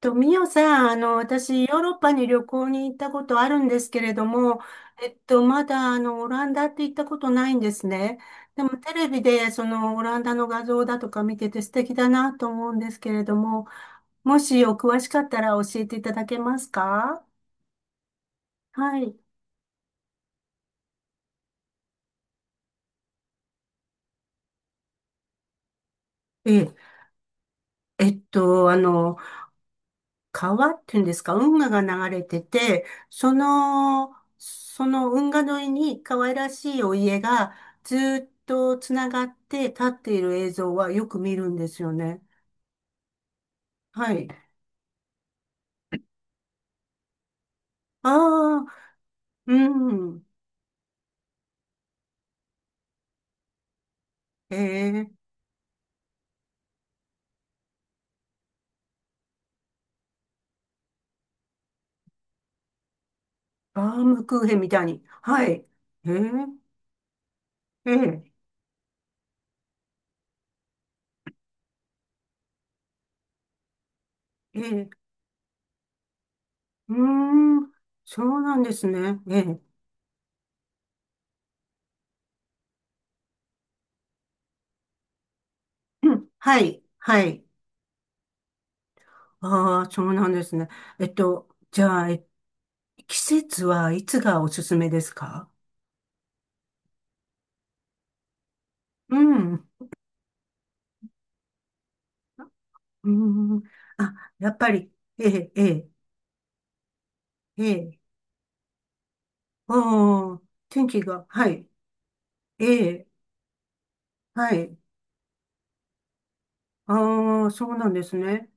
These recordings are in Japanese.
と、ミオさん、私、ヨーロッパに旅行に行ったことあるんですけれども、まだ、オランダって行ったことないんですね。でも、テレビで、オランダの画像だとか見てて素敵だなと思うんですけれども、もしお詳しかったら教えていただけますか？はい。ええ、えっと、あの、川っていうんですか、運河が流れてて、その運河沿いに可愛らしいお家がずーっとつながって立っている映像はよく見るんですよね。はい。ああ、うん。ええ、バームクーヘンみたいに。はい。ええ、ええ、ええ、うーん。そうなんですね。ええ、うん、はい、はい。ああ、そうなんですね。えっと、じゃあ、えっ季節はいつがおすすめですか？うん。うん。あ、やっぱり、ええ、ええ、ええ、ああ、天気が、はい、ええ、はい、ああ、そうなんですね。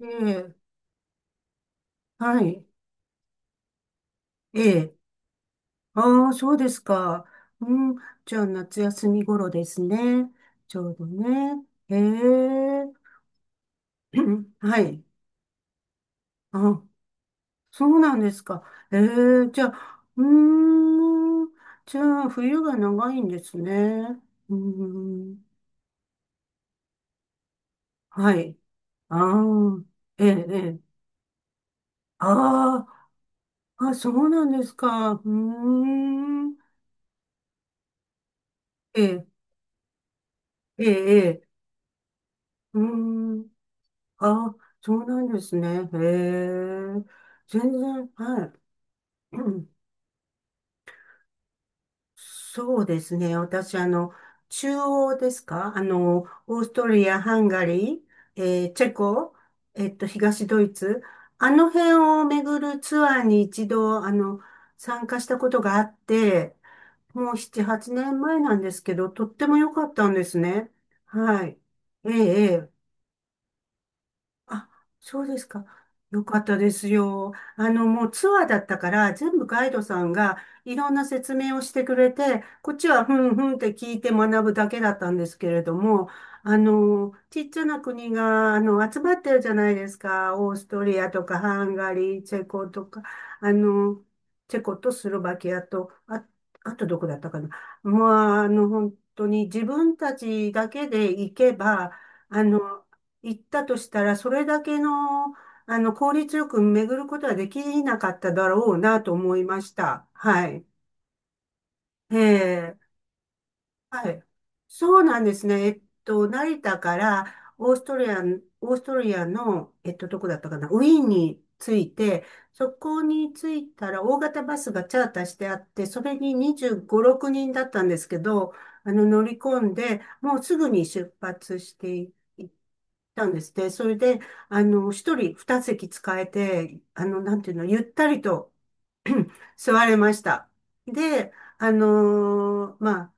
ええ、はい、ええ、ああ、そうですか。うん、じゃあ夏休み頃ですね。ちょうどね。ええ、はい、あ、そうなんですか。ええ、じゃあ、うーん、じゃあ、冬が長いんですね。うーん、はい。ああ、ええ、ええ、ああ、あ、そうなんですか。うーん、ええ、ええ、ええ、うーん、あ、そうなんですね。ええ、全然、はい。そうですね。私、中央ですか？あの、オーストリア、ハンガリー、えーチェコ、東ドイツ、あの辺を巡るツアーに一度、参加したことがあって、もう7、8年前なんですけど、とっても良かったんですね。はい。ええ、ええ、あ、そうですか。よかったですよ。もうツアーだったから、全部ガイドさんがいろんな説明をしてくれて、こっちはふんふんって聞いて学ぶだけだったんですけれども、ちっちゃな国が、集まってるじゃないですか。オーストリアとか、ハンガリー、チェコとか、あの、チェコとスロバキアと、あ、あとどこだったかな。まあ、本当に自分たちだけで行けば、あの、行ったとしたら、それだけの、効率よく巡ることはできなかっただろうなと思いました。はい。ええ、はい。そうなんですね。成田からオーストリアン、オーストリアの、どこだったかな、ウィーンに着いて、そこに着いたら大型バスがチャーターしてあって、それに25、6人だったんですけど、乗り込んで、もうすぐに出発してい行ったんですね。それで、一人二席使えて、なんていうの、ゆったりと 座れました。で、あのー、ま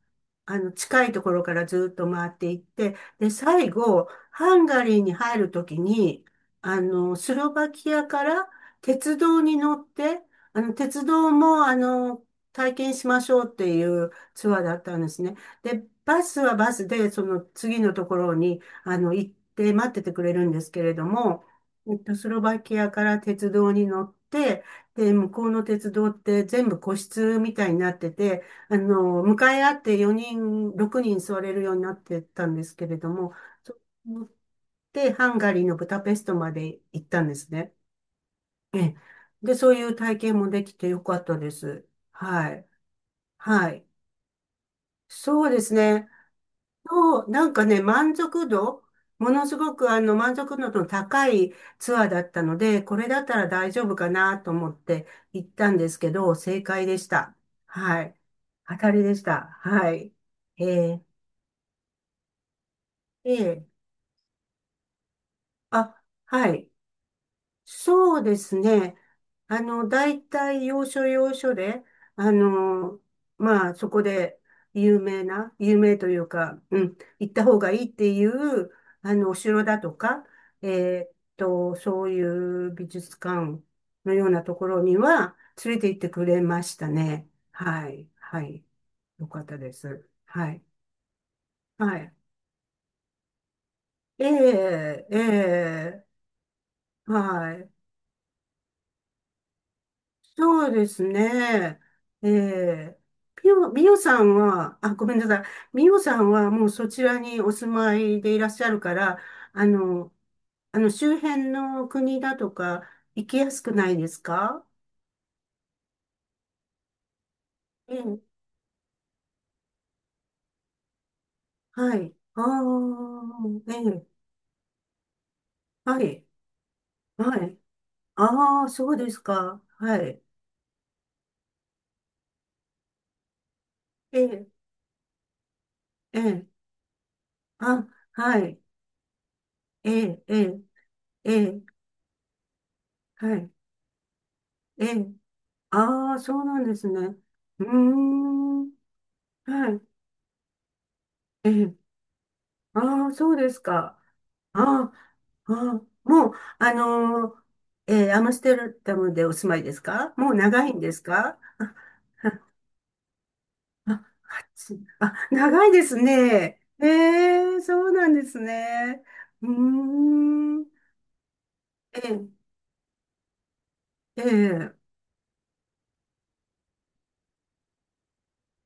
あ、近いところからずっと回っていって、で、最後、ハンガリーに入るときに、スロバキアから鉄道に乗って、鉄道も、体験しましょうっていうツアーだったんですね。で、バスはバスで、その次のところに、行って待っててくれるんですけれども、スロバキアから鉄道に乗って、で、向こうの鉄道って全部個室みたいになってて、向かい合って4人、6人座れるようになってたんですけれども、そう思ってハンガリーのブダペストまで行ったんですね。ええ、で、そういう体験もできてよかったです。はい。はい。そうですね。そう、なんかね、満足度、ものすごくあの満足度の高いツアーだったので、これだったら大丈夫かなと思って行ったんですけど、正解でした。はい。当たりでした。はい。えー、えー、あ、はい。そうですね。大体要所要所で、あの、そこで有名というか、うん、行った方がいいっていう、お城だとか、えーっと、そういう美術館のようなところには連れて行ってくれましたね。はい、はい。よかったです。はい、はい。ええ、ええ、はい。そうですね。ええ、みよさんは、あ、ごめんなさい。みよさんはもうそちらにお住まいでいらっしゃるから、あの、あの周辺の国だとか行きやすくないですか？ええ、はい。ああ、ええ、はい、はい。ああ、そうですか。はい。ええ、ええ、あ、はい。ええ、ええ、ええ、はい。ええ、ああ、そうなんですね。うーん。はい。ええ。ああ、そうですか。ああ、ああ、もう、あのー、ええ、アムステルダムでお住まいですか？もう長いんですか？あ、あ、す、あ長いですね。ええ、そうなんですね。うーん。ええ、ええ。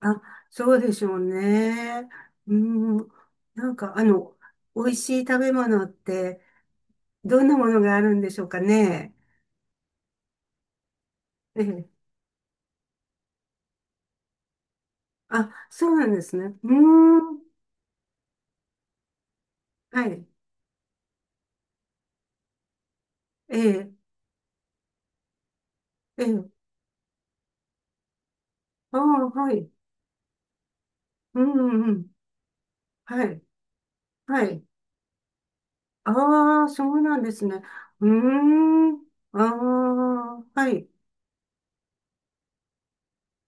あ、そうでしょうね。うーん。なんか、美味しい食べ物って、どんなものがあるんでしょうかね。ええ。あ、そうなんですね。うーん。はい。ええ、ええ。ああ、はい。うんうん。はい。はい。ああ、そうなんですね。うーん。ああ、はい。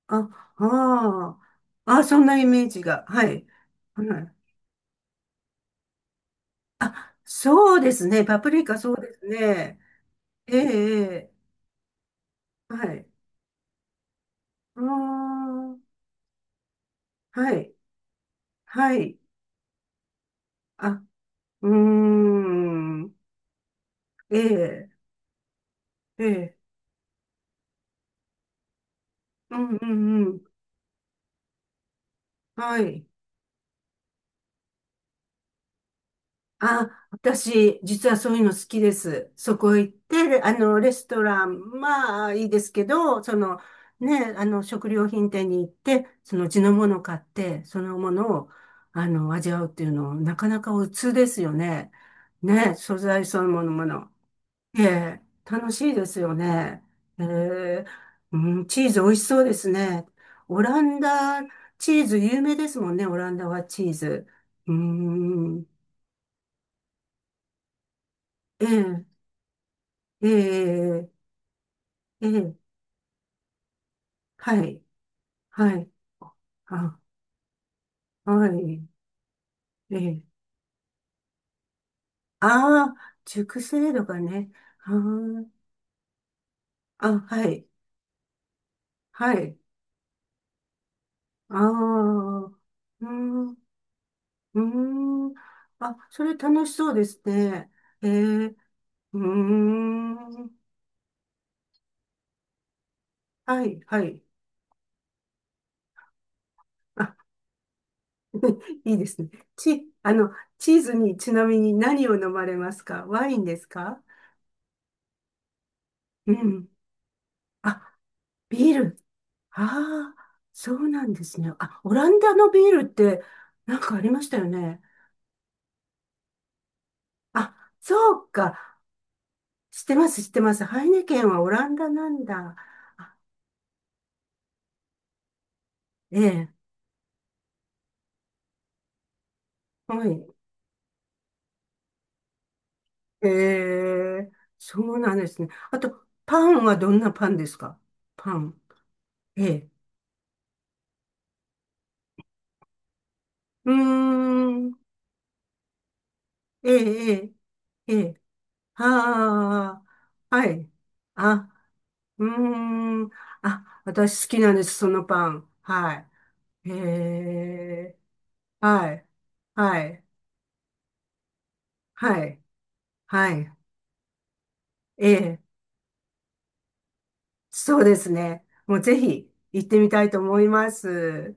あ、ああ。ああ、そんなイメージが。はい。はい。あ、そうですね。パプリカ、そうですね。ええ、ええ。はい。ああ、はい。はい。あ、うーん。ええ、ええ。うんうんうん。はい。あ、私、実はそういうの好きです。そこ行って、レストラン、まあ、いいですけど、その、ね、食料品店に行って、その地のものを買って、そのものを、味わうっていうの、なかなか普通ですよね。ね、素材そのものもの。ええ、楽しいですよね。ええ、うん、チーズ美味しそうですね。オランダ、チーズ有名ですもんね、オランダはチーズ。うーん、ええ、ええ、ええ、はい、はい。あ、はい。ええ。ああ、熟成度がね。はあーあ、はい。はい。ああ、うーん、うーん。あ、それ楽しそうですね。ええ、うーん。はい、はい。あ、いいですね。チ、チーズにちなみに何を飲まれますか？ワインですか？うん。あ、ビール。ああ、そうなんですね。あ、オランダのビールってなんかありましたよね。あ、そうか。知ってます、知ってます。ハイネケンはオランダなんだ。あ、ええ、はい。ええ、そうなんですね。あと、パンはどんなパンですか？パン。ええ。うーん。ええ、ええ、ええ。ああ、はい。あ、うーん。あ、私好きなんです、そのパン。はい。へえ。はい。はい。はい。はい。ええ。そうですね。もうぜひ行ってみたいと思います。